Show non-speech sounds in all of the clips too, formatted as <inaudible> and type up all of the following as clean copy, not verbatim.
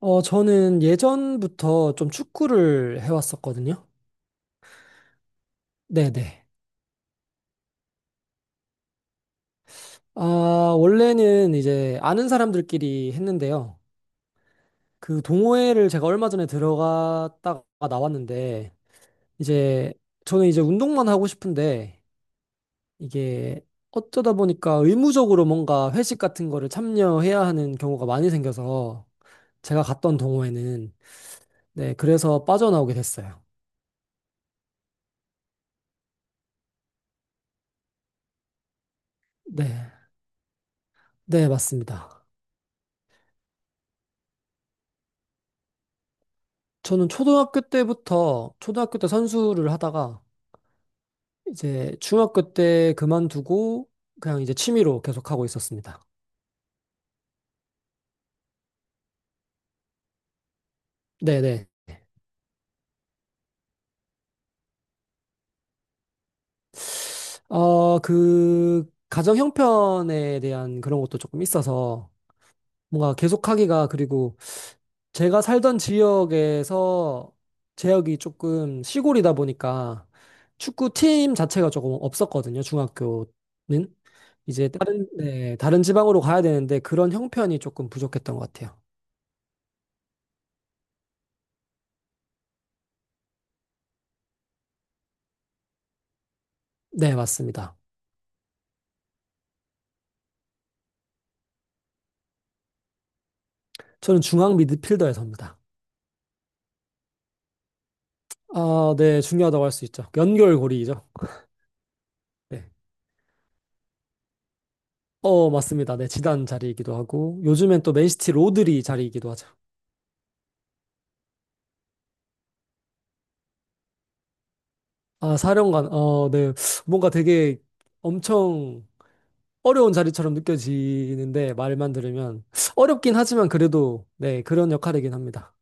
저는 예전부터 좀 축구를 해왔었거든요. 네네. 아, 원래는 이제 아는 사람들끼리 했는데요. 그 동호회를 제가 얼마 전에 들어갔다가 나왔는데, 이제 저는 이제 운동만 하고 싶은데, 이게 어쩌다 보니까 의무적으로 뭔가 회식 같은 거를 참여해야 하는 경우가 많이 생겨서 제가 갔던 동호회는, 네, 그래서 빠져나오게 됐어요. 네, 네, 맞습니다. 저는 초등학교 때 선수를 하다가 이제 중학교 때 그만두고 그냥 이제 취미로 계속 하고 있었습니다. 네네. 그 가정 형편에 대한 그런 것도 조금 있어서 뭔가 계속하기가. 그리고 제가 살던 지역에서 지역이 조금 시골이다 보니까 축구팀 자체가 조금 없었거든요. 중학교는 이제 다른, 네, 다른 지방으로 가야 되는데 그런 형편이 조금 부족했던 것 같아요. 네, 맞습니다. 저는 중앙 미드필더에 섭니다. 아, 네, 중요하다고 할 수 있죠. 연결고리이죠. 네. 어, 맞습니다. 네, 지단 자리이기도 하고, 요즘엔 또 맨시티 로드리 자리이기도 하죠. 아, 사령관, 어, 네. 뭔가 되게 엄청 어려운 자리처럼 느껴지는데, 말만 들으면. 어렵긴 하지만 그래도, 네, 그런 역할이긴 합니다.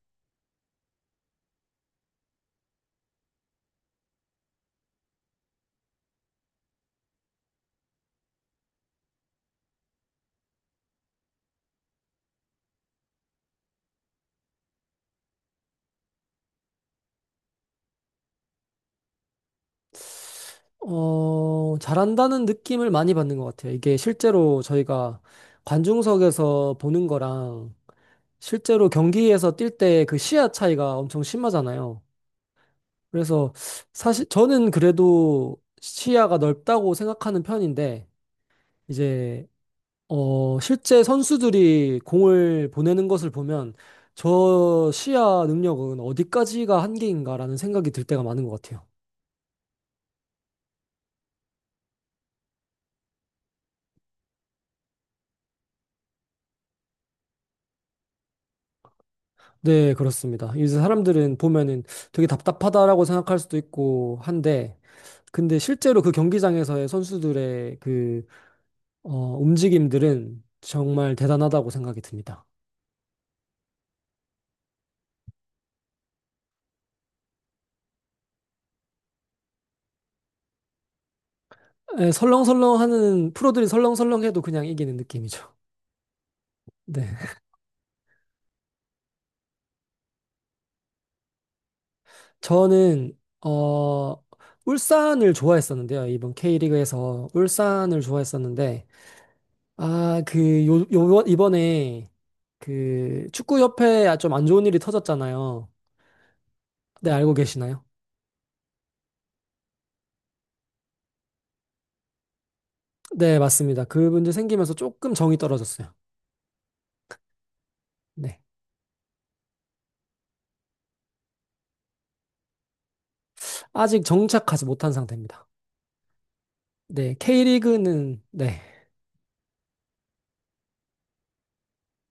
잘한다는 느낌을 많이 받는 것 같아요. 이게 실제로 저희가 관중석에서 보는 거랑 실제로 경기에서 뛸 때 그 시야 차이가 엄청 심하잖아요. 그래서 사실 저는 그래도 시야가 넓다고 생각하는 편인데 이제 실제 선수들이 공을 보내는 것을 보면 저 시야 능력은 어디까지가 한계인가라는 생각이 들 때가 많은 것 같아요. 네, 그렇습니다. 이제 사람들은 보면은 되게 답답하다라고 생각할 수도 있고 한데, 근데 실제로 그 경기장에서의 선수들의 그 어, 움직임들은 정말 대단하다고 생각이 듭니다. 예, 설렁설렁하는 프로들이 설렁설렁해도 그냥 이기는 느낌이죠. <laughs> 네, 저는 어, 울산을 좋아했었는데요. 이번 K리그에서 울산을 좋아했었는데 아, 그 요 이번에 그 축구협회에 좀 안 좋은 일이 터졌잖아요. 네, 알고 계시나요? 네, 맞습니다. 그 문제 생기면서 조금 정이 떨어졌어요. 네, 아직 정착하지 못한 상태입니다. 네, K리그는 네.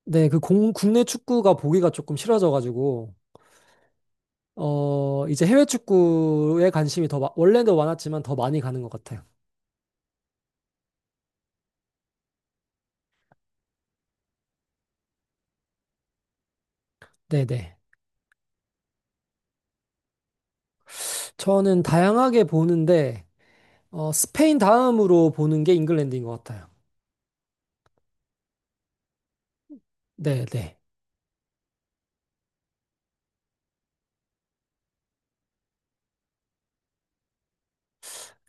네, 국내 축구가 보기가 조금 싫어져가지고, 이제 해외 축구에 관심이 더, 원래도 많았지만 더 많이 가는 것 같아요. 네네. 저는 다양하게 보는데, 스페인 다음으로 보는 게 잉글랜드인 것 같아요. 네네.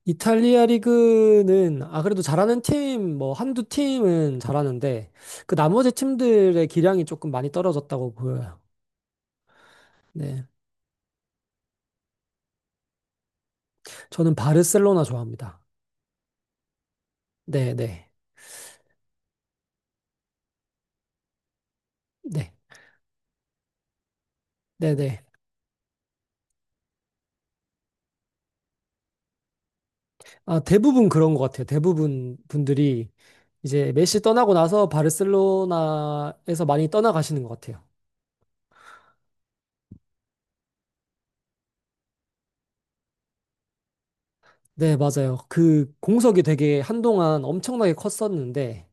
이탈리아 리그는, 아, 그래도 잘하는 팀, 뭐, 한두 팀은 잘하는데, 그 나머지 팀들의 기량이 조금 많이 떨어졌다고 보여요. 네. 저는 바르셀로나 좋아합니다. 네네. 네. 네네. 아, 대부분 그런 것 같아요. 대부분 분들이 이제 메시 떠나고 나서 바르셀로나에서 많이 떠나가시는 것 같아요. 네, 맞아요. 그 공석이 되게 한동안 엄청나게 컸었는데,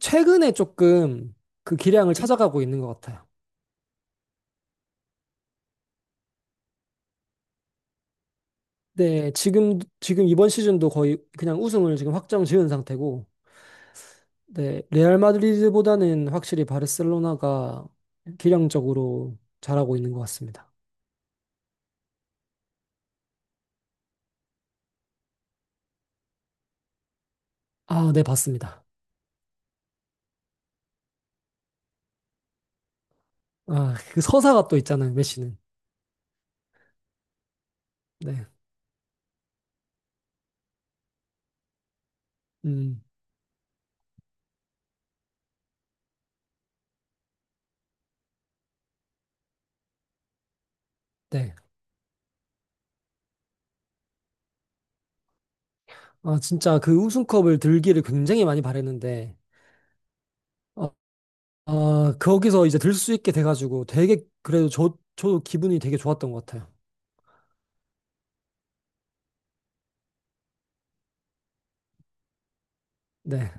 최근에 조금 그 기량을 찾아가고 있는 것 같아요. 네, 지금 이번 시즌도 거의 그냥 우승을 지금 확정 지은 상태고, 네, 레알 마드리드보다는 확실히 바르셀로나가 기량적으로 잘하고 있는 것 같습니다. 아, 네, 봤습니다. 아, 그 서사가 또 있잖아요, 메시는. 네. 음, 네. 아, 진짜 그 우승컵을 들기를 굉장히 많이 바랬는데, 어, 아, 거기서 이제 들 수 있게 돼가지고 되게, 그래도 저도 기분이 되게 좋았던 것 같아요. 네.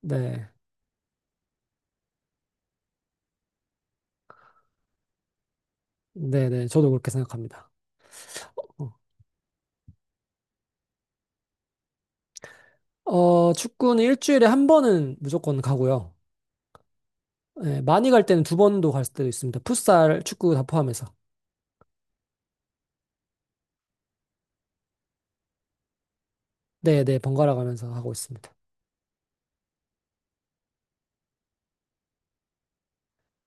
네. 네, 네. 저도 그렇게 생각합니다. 어, 축구는 일주일에 한 번은 무조건 가고요. 네, 많이 갈 때는 두 번도 갈 때도 있습니다. 풋살, 축구 다 포함해서. 네, 네. 번갈아 가면서 하고 있습니다.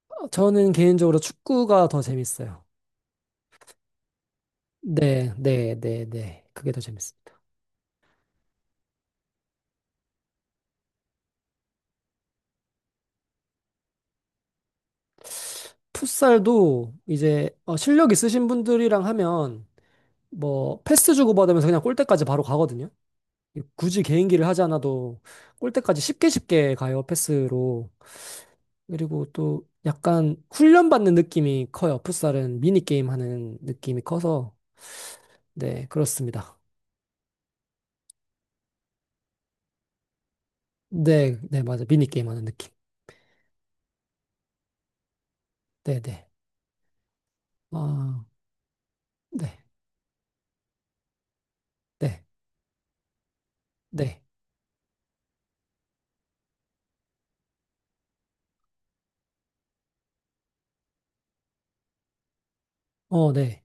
저는 개인적으로 축구가 더 재밌어요. 네, 네, 네, 네. 그게 더 재밌어요. 풋살도 이제 실력 있으신 분들이랑 하면 뭐 패스 주고받으면서 그냥 골대까지 바로 가거든요. 굳이 개인기를 하지 않아도 골대까지 쉽게 쉽게 가요, 패스로. 그리고 또 약간 훈련받는 느낌이 커요. 풋살은 미니게임 하는 느낌이 커서. 네, 그렇습니다. 네, 네, 맞아. 미니게임 하는 느낌. 네, 네. 아, 네, 네, 네. 어, 네.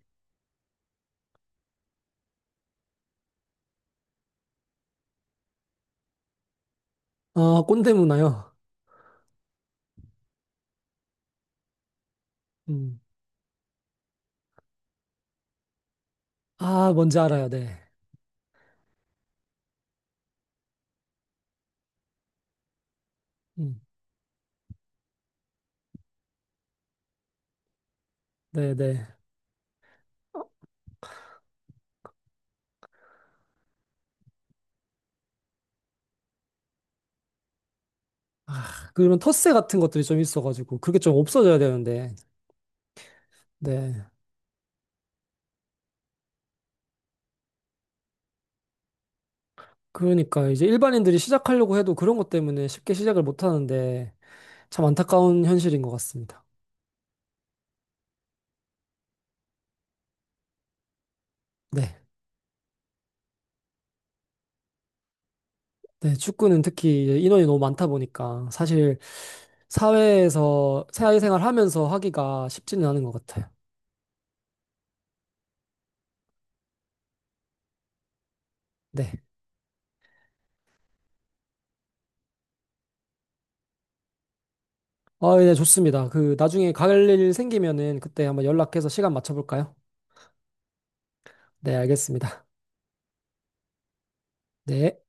아, 꼰대 문화요. 음. 아, 뭔지 알아요. 네. 음. 네, 네. 그런 텃세 같은 것들이 좀 있어가지고 그게 좀 없어져야 되는데. 네, 그러니까 이제 일반인들이 시작하려고 해도 그런 것 때문에 쉽게 시작을 못 하는데 참 안타까운 현실인 것 같습니다. 네, 네, 축구는 특히 이제 인원이 너무 많다 보니까 사실 사회에서 사회생활 하면서 하기가 쉽지는 않은 것 같아요. 네, 아, 네, 좋습니다. 그 나중에 갈 일 생기면은 그때 한번 연락해서 시간 맞춰볼까요? 네, 알겠습니다. 네.